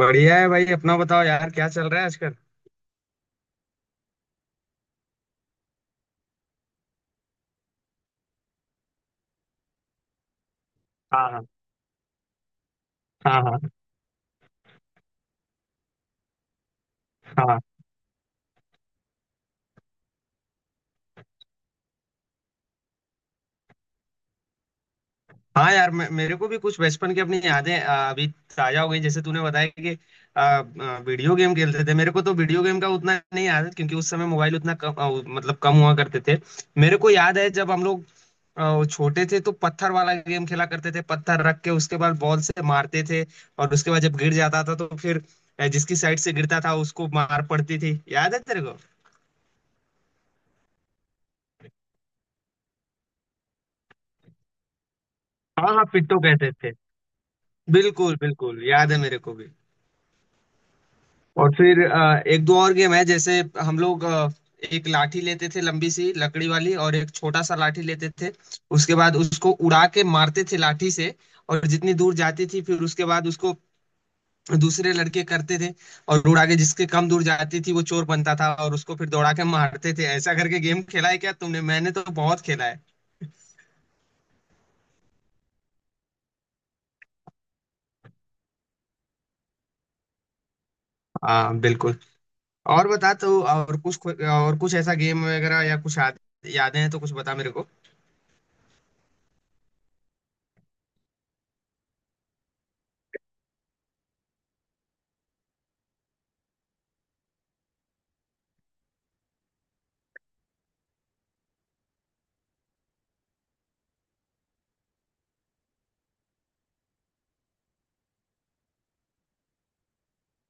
बढ़िया है भाई। अपना बताओ यार, क्या चल रहा है आजकल? हाँ हाँ। हाँ हाँ। हाँ हाँ। यार, मेरे को भी कुछ बचपन की अपनी यादें अभी ताजा हो गई। जैसे तूने बताया कि वीडियो गेम खेलते थे। मेरे को तो वीडियो गेम का उतना नहीं याद है, क्योंकि उस समय मोबाइल उतना कम मतलब कम हुआ करते थे। मेरे को याद है जब हम लोग छोटे थे तो पत्थर वाला गेम खेला करते थे। पत्थर रख के उसके बाद बॉल से मारते थे। और उसके बाद जब गिर जाता था तो फिर जिसकी साइड से गिरता था उसको मार पड़ती थी। याद है तेरे को? हाँ हाँ, पिट्टो कहते थे। बिल्कुल बिल्कुल, याद है मेरे को भी। और फिर एक दो और गेम है, जैसे हम लोग एक लाठी लेते थे, लंबी सी लकड़ी वाली, और एक छोटा सा लाठी लेते थे। उसके बाद उसको उड़ा के मारते थे लाठी से। और जितनी दूर जाती थी, फिर उसके बाद उसको दूसरे लड़के करते थे। और उड़ा के जिसके कम दूर जाती थी वो चोर बनता था, और उसको फिर दौड़ा के मारते थे। ऐसा करके गेम खेला है क्या तुमने? मैंने तो बहुत खेला है। हाँ बिल्कुल। और बता तो, और कुछ ऐसा गेम वगैरह या कुछ यादें हैं तो कुछ बता मेरे को।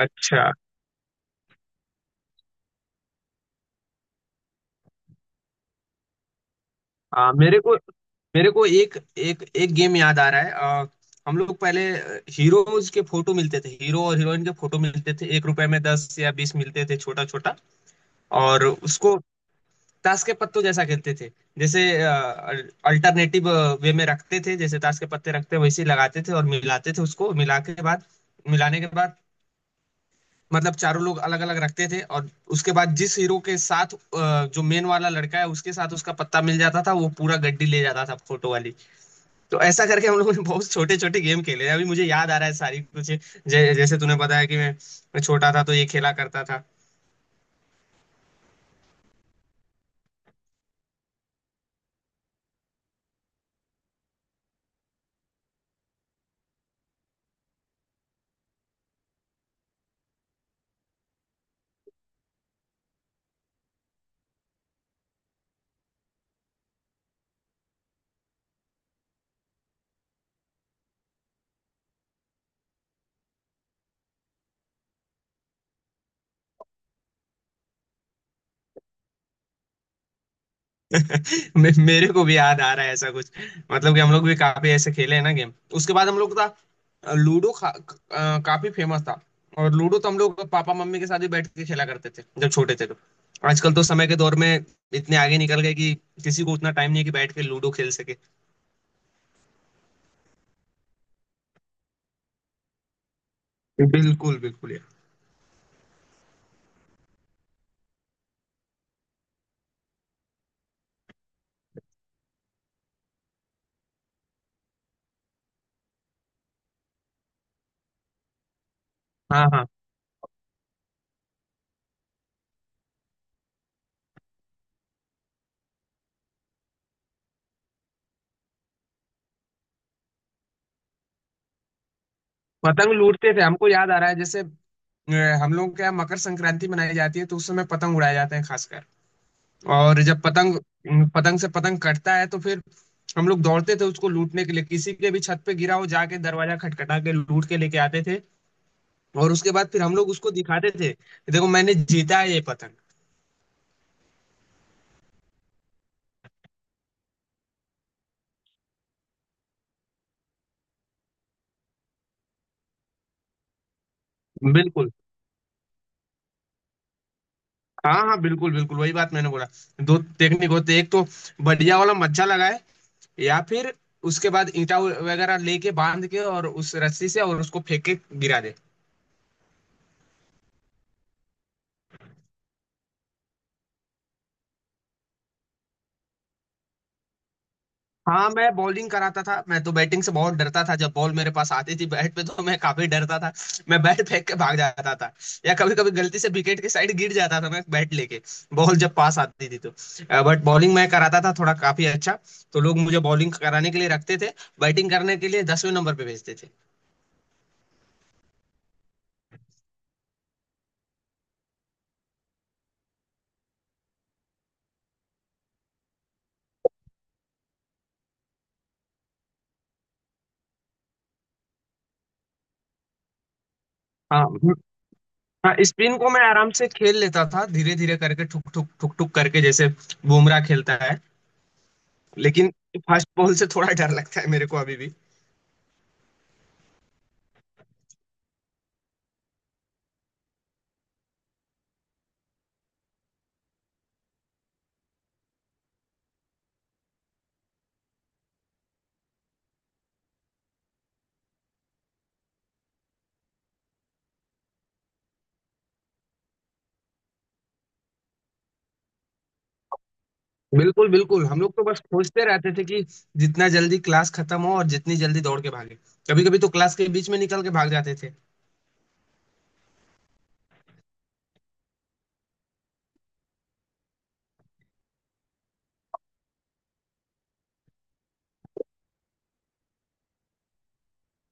अच्छा। आ, मेरे को मेरे को एक एक एक गेम याद आ रहा है। हम लोग पहले हीरोज के फोटो मिलते थे, हीरो और हीरोइन के फोटो मिलते थे। 1 रुपए में 10 या 20 मिलते थे, छोटा छोटा। और उसको ताश के पत्तों जैसा खेलते थे, जैसे अल्टरनेटिव वे में रखते थे, जैसे ताश के पत्ते रखते वैसे ही लगाते थे और मिलाते थे। उसको मिलाने के बाद मतलब चारों लोग अलग अलग रखते थे, और उसके बाद जिस हीरो के साथ जो मेन वाला लड़का है, उसके साथ उसका पत्ता मिल जाता था, वो पूरा गड्डी ले जाता था फोटो वाली। तो ऐसा करके हम लोगों ने बहुत छोटे छोटे गेम खेले हैं। अभी मुझे याद आ रहा है सारी कुछ। जैसे तूने बताया कि मैं छोटा था तो ये खेला करता था। मेरे को भी याद आ रहा है ऐसा कुछ। मतलब कि हम लोग भी काफी ऐसे खेले हैं ना गेम। उसके बाद हम लोग का लूडो काफी फेमस था। और लूडो तो हम लोग पापा मम्मी के साथ भी बैठ के खेला करते थे जब छोटे थे तो। आजकल तो समय के दौर में इतने आगे निकल गए कि किसी को उतना टाइम नहीं है कि बैठ के लूडो खेल सके। बिल्कुल बिल्कुल यार। हाँ हाँ, पतंग लूटते थे, हमको याद आ रहा है। जैसे हम लोग, क्या मकर संक्रांति मनाई जाती है तो उस समय पतंग उड़ाए जाते हैं खासकर। और जब पतंग, पतंग से पतंग कटता है तो फिर हम लोग दौड़ते थे उसको लूटने के लिए, किसी के भी छत पे गिरा हो, जाके दरवाजा खटखटा के लूट के लेके आते थे। और उसके बाद फिर हम लोग उसको दिखाते थे, देखो मैंने जीता है ये पतंग। बिल्कुल। हाँ हाँ बिल्कुल बिल्कुल, वही बात मैंने बोला। दो टेक्निक होते, एक तो बढ़िया वाला मज्जा लगाए, या फिर उसके बाद ईंटा वगैरह लेके बांध के और उस रस्सी से और उसको फेंक के गिरा दे। हाँ, मैं बॉलिंग कराता था। मैं तो बैटिंग से बहुत डरता था, जब बॉल मेरे पास आती थी बैट पे तो मैं काफी डरता था। मैं बैट फेंक के भाग जाता था, या कभी कभी गलती से विकेट के साइड गिर जाता था मैं बैट लेके, बॉल जब पास आती थी तो। बट बॉलिंग मैं कराता था थोड़ा काफी अच्छा, तो लोग मुझे बॉलिंग कराने के लिए रखते थे, बैटिंग करने के लिए 10वें नंबर पे भेजते थे। हाँ हाँ, स्पिन को मैं आराम से खेल लेता था, धीरे धीरे करके, ठुक ठुक ठुक ठुक करके, जैसे बुमराह खेलता है। लेकिन फर्स्ट बॉल से थोड़ा डर लगता है मेरे को अभी भी। बिल्कुल बिल्कुल, हम लोग तो बस सोचते रहते थे कि जितना जल्दी क्लास खत्म हो और जितनी जल्दी दौड़ के भागे। कभी कभी तो क्लास के बीच में निकल के भाग जाते थे।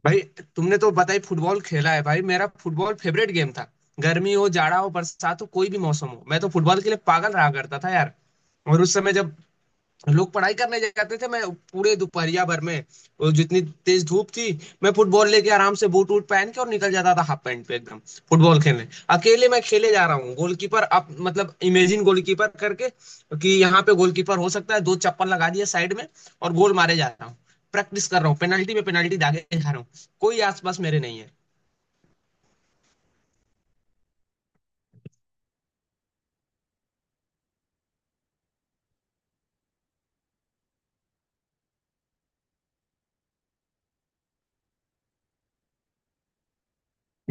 भाई, तुमने तो बताई, फुटबॉल खेला है भाई, मेरा फुटबॉल फेवरेट गेम था। गर्मी हो, जाड़ा हो, बरसात हो, कोई भी मौसम हो, मैं तो फुटबॉल के लिए पागल रहा करता था यार। और उस समय जब लोग पढ़ाई करने जाते थे, मैं पूरे दोपहरिया भर में, और जितनी तेज धूप थी, मैं फुटबॉल लेके आराम से बूट वूट पहन के और निकल जाता था हाफ पैंट पे एकदम, फुटबॉल खेलने। अकेले मैं खेले जा रहा हूँ, गोलकीपर आप मतलब इमेजिन गोलकीपर करके, कि यहाँ पे गोलकीपर हो सकता है, दो चप्पल लगा दिया साइड में। और गोल मारे जा रहा हूँ, प्रैक्टिस कर रहा हूँ, पेनल्टी में पेनल्टी दागे जा रहा हूँ, कोई आसपास मेरे नहीं है।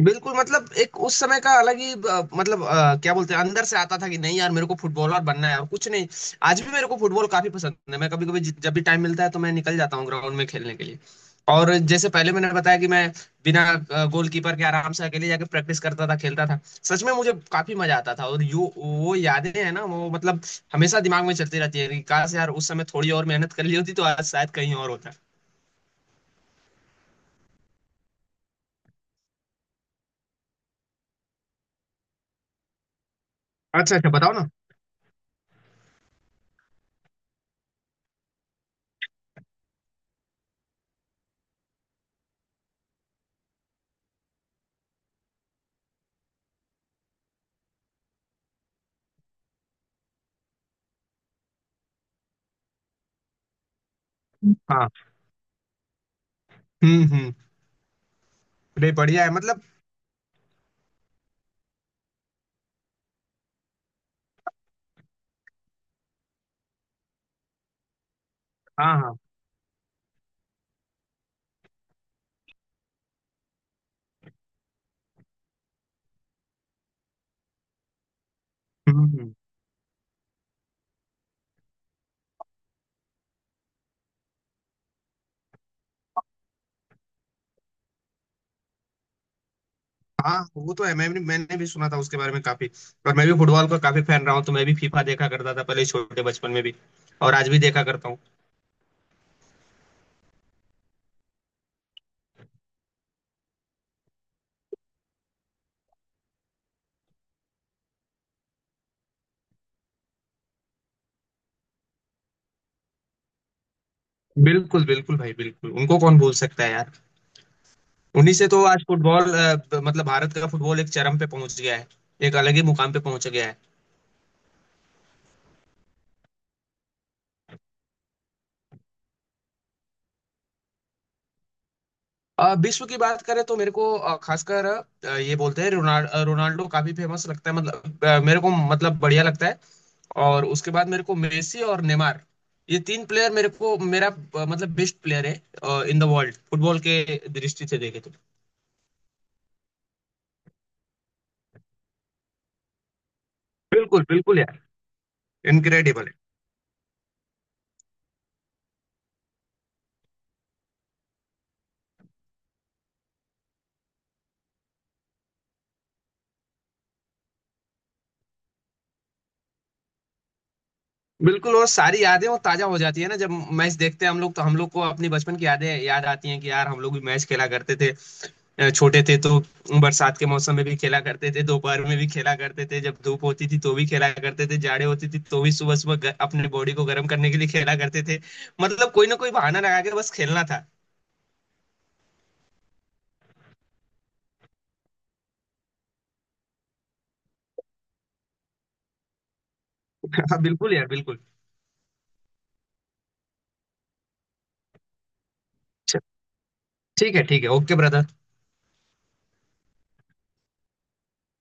बिल्कुल मतलब, एक उस समय का अलग ही मतलब क्या बोलते हैं, अंदर से आता था कि नहीं यार, मेरे को फुटबॉलर बनना है और कुछ नहीं। आज भी मेरे को फुटबॉल काफी पसंद है, मैं कभी कभी जब भी टाइम मिलता है तो मैं निकल जाता हूँ ग्राउंड में खेलने के लिए। और जैसे पहले मैंने बताया कि मैं बिना गोलकीपर के आराम से अकेले जाके प्रैक्टिस करता था, खेलता था। सच में मुझे काफी मजा आता था और यू वो यादें हैं ना, वो मतलब हमेशा दिमाग में चलती रहती है कि काश यार उस समय थोड़ी और मेहनत कर ली होती तो आज शायद कहीं और होता। अच्छा अच्छा, बताओ ना। हाँ। हम्म। नहीं, बढ़िया है मतलब। हाँ हाँ। हम्म हम्म। हाँ, वो तो है। मैंने भी सुना था उसके बारे में काफी, और मैं भी फुटबॉल का काफी फैन रहा हूँ, तो मैं भी फीफा देखा करता था पहले छोटे बचपन में भी, और आज भी देखा करता हूँ। बिल्कुल बिल्कुल भाई, बिल्कुल, उनको कौन भूल सकता है यार। उन्हीं से तो आज फुटबॉल मतलब भारत का फुटबॉल एक चरम पे पहुंच गया है, एक अलग ही मुकाम पे पहुंच गया है। विश्व की बात करें तो मेरे को खासकर ये बोलते हैं रोनाल्डो काफी फेमस लगता है, मतलब मेरे को मतलब बढ़िया लगता है। और उसके बाद मेरे को मेसी और नेमार, ये तीन प्लेयर मेरे को, मेरा मतलब बेस्ट प्लेयर है इन द वर्ल्ड, फुटबॉल के दृष्टि से देखे तो। बिल्कुल बिल्कुल यार। इनक्रेडिबल है। बिल्कुल, वो सारी यादें वो ताजा हो जाती है ना जब मैच देखते हैं हम लोग, तो हम लोग को अपनी बचपन की यादें याद आती हैं कि यार हम लोग भी मैच खेला करते थे छोटे थे तो, बरसात के मौसम में भी खेला करते थे, दोपहर में भी खेला करते थे, जब धूप होती थी तो भी खेला करते थे, जाड़े होती थी तो भी सुबह सुबह अपने बॉडी को गर्म करने के लिए खेला करते थे। मतलब कोई ना कोई बहाना लगा के बस खेलना था। हाँ बिल्कुल यार, बिल्कुल। अच्छा, ठीक है ठीक है, ओके ब्रदर।